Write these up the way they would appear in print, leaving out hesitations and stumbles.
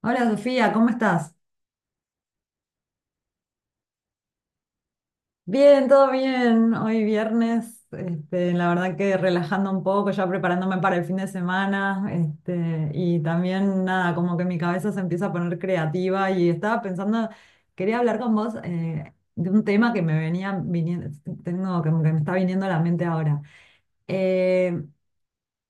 Hola Sofía, ¿cómo estás? Bien, todo bien. Hoy viernes, la verdad que relajando un poco, ya preparándome para el fin de semana, y también nada, como que mi cabeza se empieza a poner creativa y estaba pensando, quería hablar con vos de un tema que me venía viniendo, tengo como que me está viniendo a la mente ahora. Eh,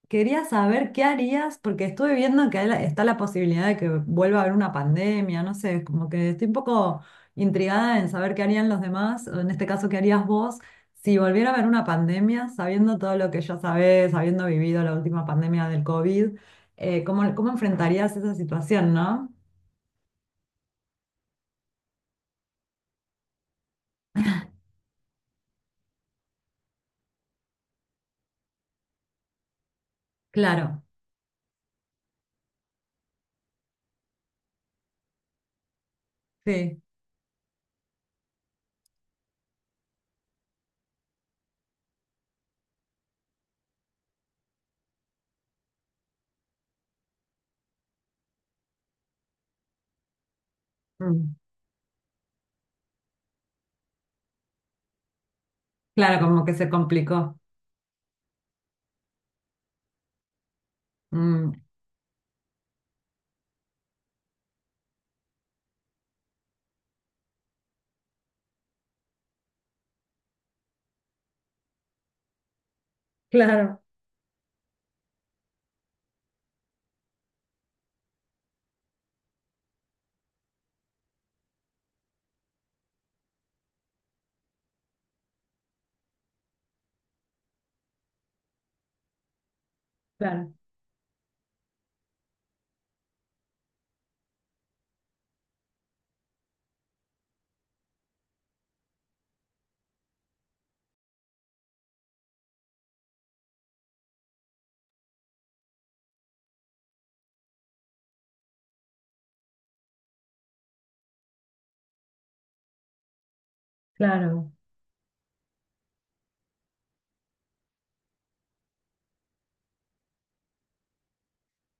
Quería saber qué harías, porque estuve viendo que hay está la posibilidad de que vuelva a haber una pandemia, no sé, como que estoy un poco intrigada en saber qué harían los demás, o en este caso, qué harías vos si volviera a haber una pandemia, sabiendo todo lo que ya sabés, habiendo vivido la última pandemia del COVID, ¿cómo, cómo enfrentarías esa situación, no? Claro, sí. mm, Claro, como que se complicó. mm, Claro, claro, claro.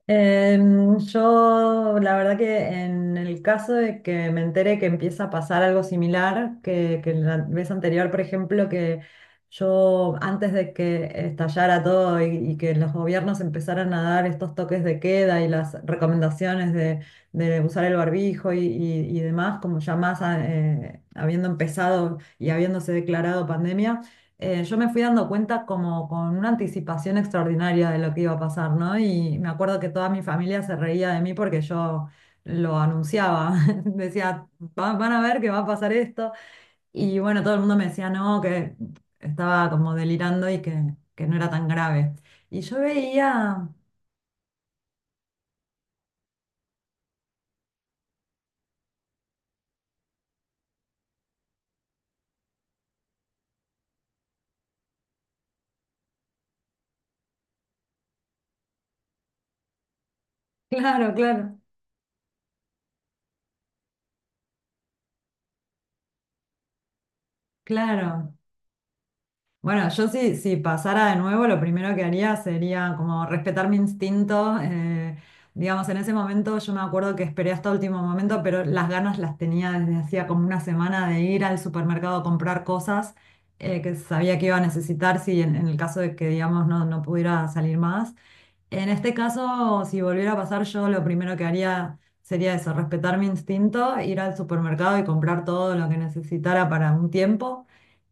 Yo, la verdad que en el caso de que me entere que empieza a pasar algo similar, que la vez anterior, por ejemplo, que yo antes de que estallara todo y que los gobiernos empezaran a dar estos toques de queda y las recomendaciones de usar el barbijo y demás, como ya más habiendo empezado y habiéndose declarado pandemia yo me fui dando cuenta como con una anticipación extraordinaria de lo que iba a pasar, ¿no? Y me acuerdo que toda mi familia se reía de mí porque yo lo anunciaba, decía, Van a ver que va a pasar esto." Y bueno, todo el mundo me decía, no, que estaba como delirando que no era tan grave. Y yo veía, claro, claro, claro. Bueno, yo si pasara de nuevo, lo primero que haría sería como respetar mi instinto. Digamos, en ese momento yo me acuerdo que esperé hasta último momento, pero las ganas las tenía desde hacía como una semana de ir al supermercado a comprar cosas que sabía que iba a necesitar si en el caso de que, digamos, no, no pudiera salir más. En este caso, si volviera a pasar, yo lo primero que haría sería eso, respetar mi instinto, ir al supermercado y comprar todo lo que necesitara para un tiempo.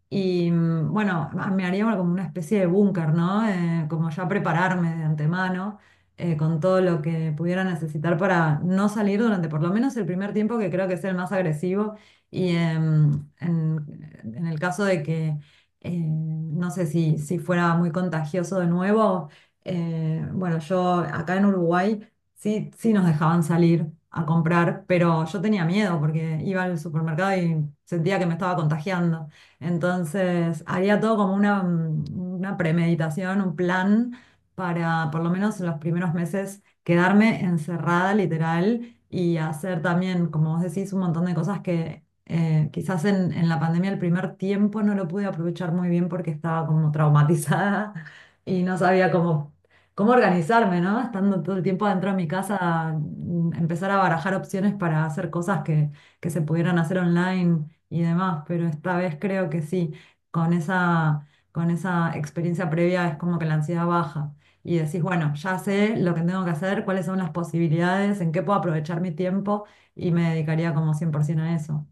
Y bueno, me haría como una especie de búnker, ¿no? Como ya prepararme de antemano con todo lo que pudiera necesitar para no salir durante por lo menos el primer tiempo, que creo que es el más agresivo. Y en el caso de que, no sé si fuera muy contagioso de nuevo, bueno, yo acá en Uruguay sí, sí nos dejaban salir a comprar, pero yo tenía miedo porque iba al supermercado y sentía que me estaba contagiando. Entonces, había todo como una, una premeditación, un plan para, por lo menos en los primeros meses, quedarme encerrada literal y hacer también, como vos decís, un montón de cosas que quizás en la pandemia el primer tiempo no lo pude aprovechar muy bien porque estaba como traumatizada y no sabía cómo, cómo organizarme, ¿no? Estando todo el tiempo dentro de mi casa, empezar a barajar opciones para hacer cosas que se pudieran hacer online y demás, pero esta vez creo que sí, con esa, con esa experiencia previa es como que la ansiedad baja y decís, bueno, ya sé lo que tengo que hacer, cuáles son las posibilidades, en qué puedo aprovechar mi tiempo y me dedicaría como 100% a eso.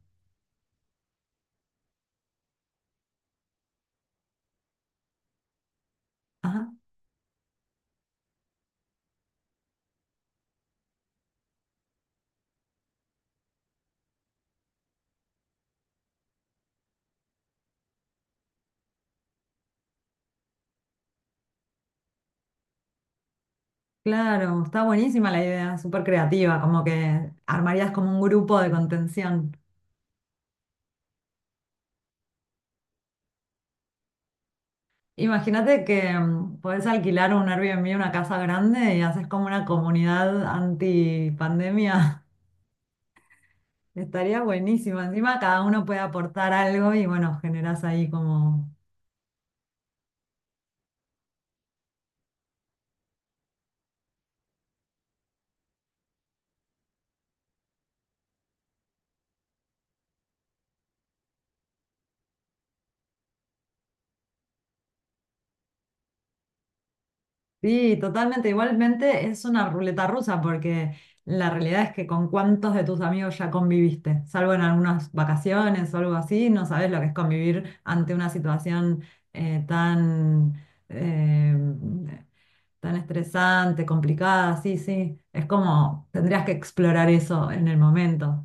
Ajá, claro, está buenísima la idea, súper creativa, como que armarías como un grupo de contención. Imagínate que podés alquilar un Airbnb, una casa grande y haces como una comunidad anti pandemia. Estaría buenísimo. Encima cada uno puede aportar algo y bueno, generás ahí como... Sí, totalmente. Igualmente es una ruleta rusa porque la realidad es que con cuántos de tus amigos ya conviviste, salvo en algunas vacaciones o algo así, no sabes lo que es convivir ante una situación eh, tan, eh, tan estresante, complicada. Sí, sí. Es como tendrías que explorar eso en el momento.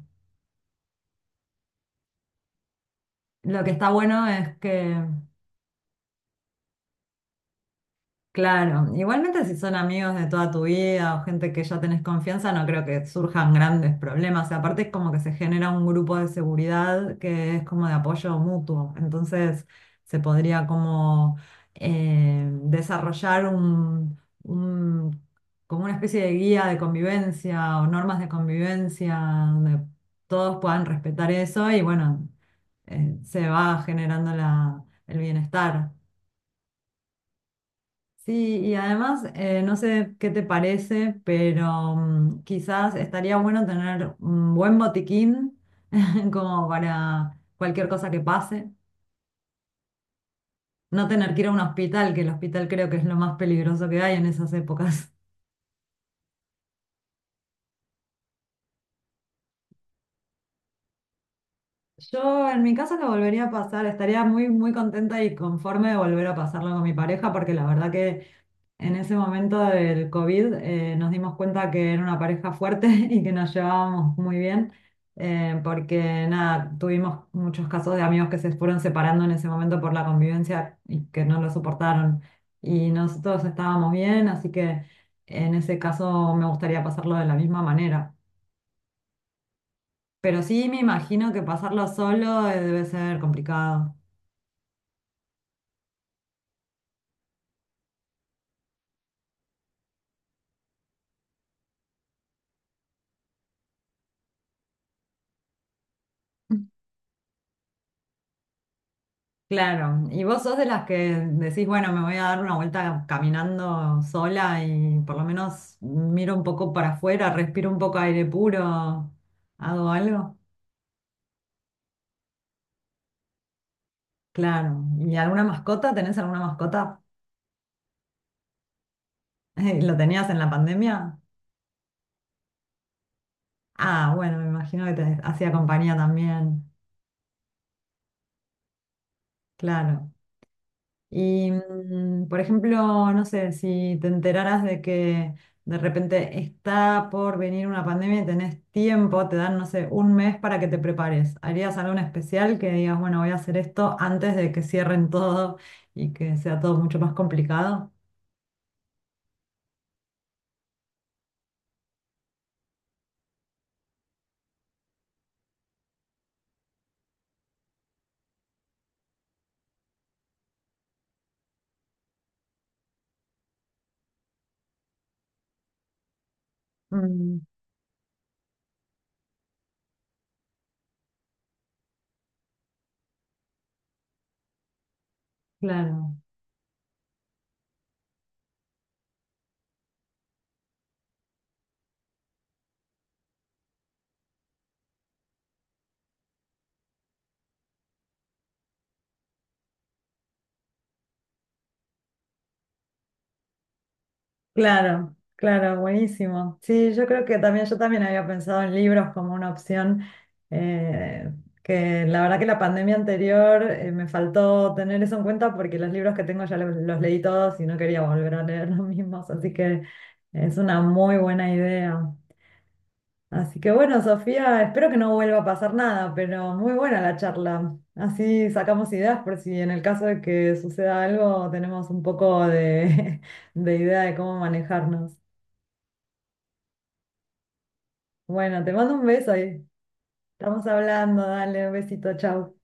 Lo que está bueno es que... Claro, igualmente si son amigos de toda tu vida o gente que ya tenés confianza, no creo que surjan grandes problemas. Y aparte es como que se genera un grupo de seguridad que es como de apoyo mutuo. Entonces se podría como desarrollar un- como una especie de guía de convivencia o normas de convivencia donde todos puedan respetar eso y bueno, se va generando el bienestar. Sí, y además, no sé qué te parece, pero quizás estaría bueno tener un buen botiquín como para cualquier cosa que pase. No tener que ir a un hospital, que el hospital creo que es lo más peligroso que hay en esas épocas. Yo en mi caso lo volvería a pasar, estaría muy, muy contenta y conforme de volver a pasarlo con mi pareja, porque la verdad que en ese momento del COVID nos dimos cuenta que era una pareja fuerte y que nos llevábamos muy bien, porque nada, tuvimos muchos casos de amigos que se fueron separando en ese momento por la convivencia y que no lo soportaron. Y nosotros estábamos bien, así que en ese caso me gustaría pasarlo de la misma manera. Pero sí me imagino que pasarlo solo debe ser complicado. Claro, y vos sos de las que decís, bueno, me voy a dar una vuelta caminando sola y por lo menos miro un poco para afuera, respiro un poco aire puro, hago algo. Claro, ¿y alguna mascota? ¿Tenés alguna mascota? ¿Lo tenías en la pandemia? Ah, bueno, me imagino que te hacía compañía también. Claro. Y, por ejemplo, no sé, si te enteraras de que de repente está por venir una pandemia y tenés tiempo, te dan, no sé, un mes para que te prepares. ¿Harías algo en especial que digas, bueno, voy a hacer esto antes de que cierren todo y que sea todo mucho más complicado? Mm, claro. Claro, claro, buenísimo. Sí, yo creo que también, yo también había pensado en libros como una opción, eh, que la verdad que la pandemia anterior me faltó tener eso en cuenta porque los libros que tengo ya los leí todos y no quería volver a leer los mismos, así que es una muy buena idea. Así que bueno, Sofía, espero que no vuelva a pasar nada, pero muy buena la charla. Así sacamos ideas por si en el caso de que suceda algo tenemos un poco de de idea de cómo manejarnos. Bueno, te mando un beso ahí. Estamos hablando, dale un besito, chau.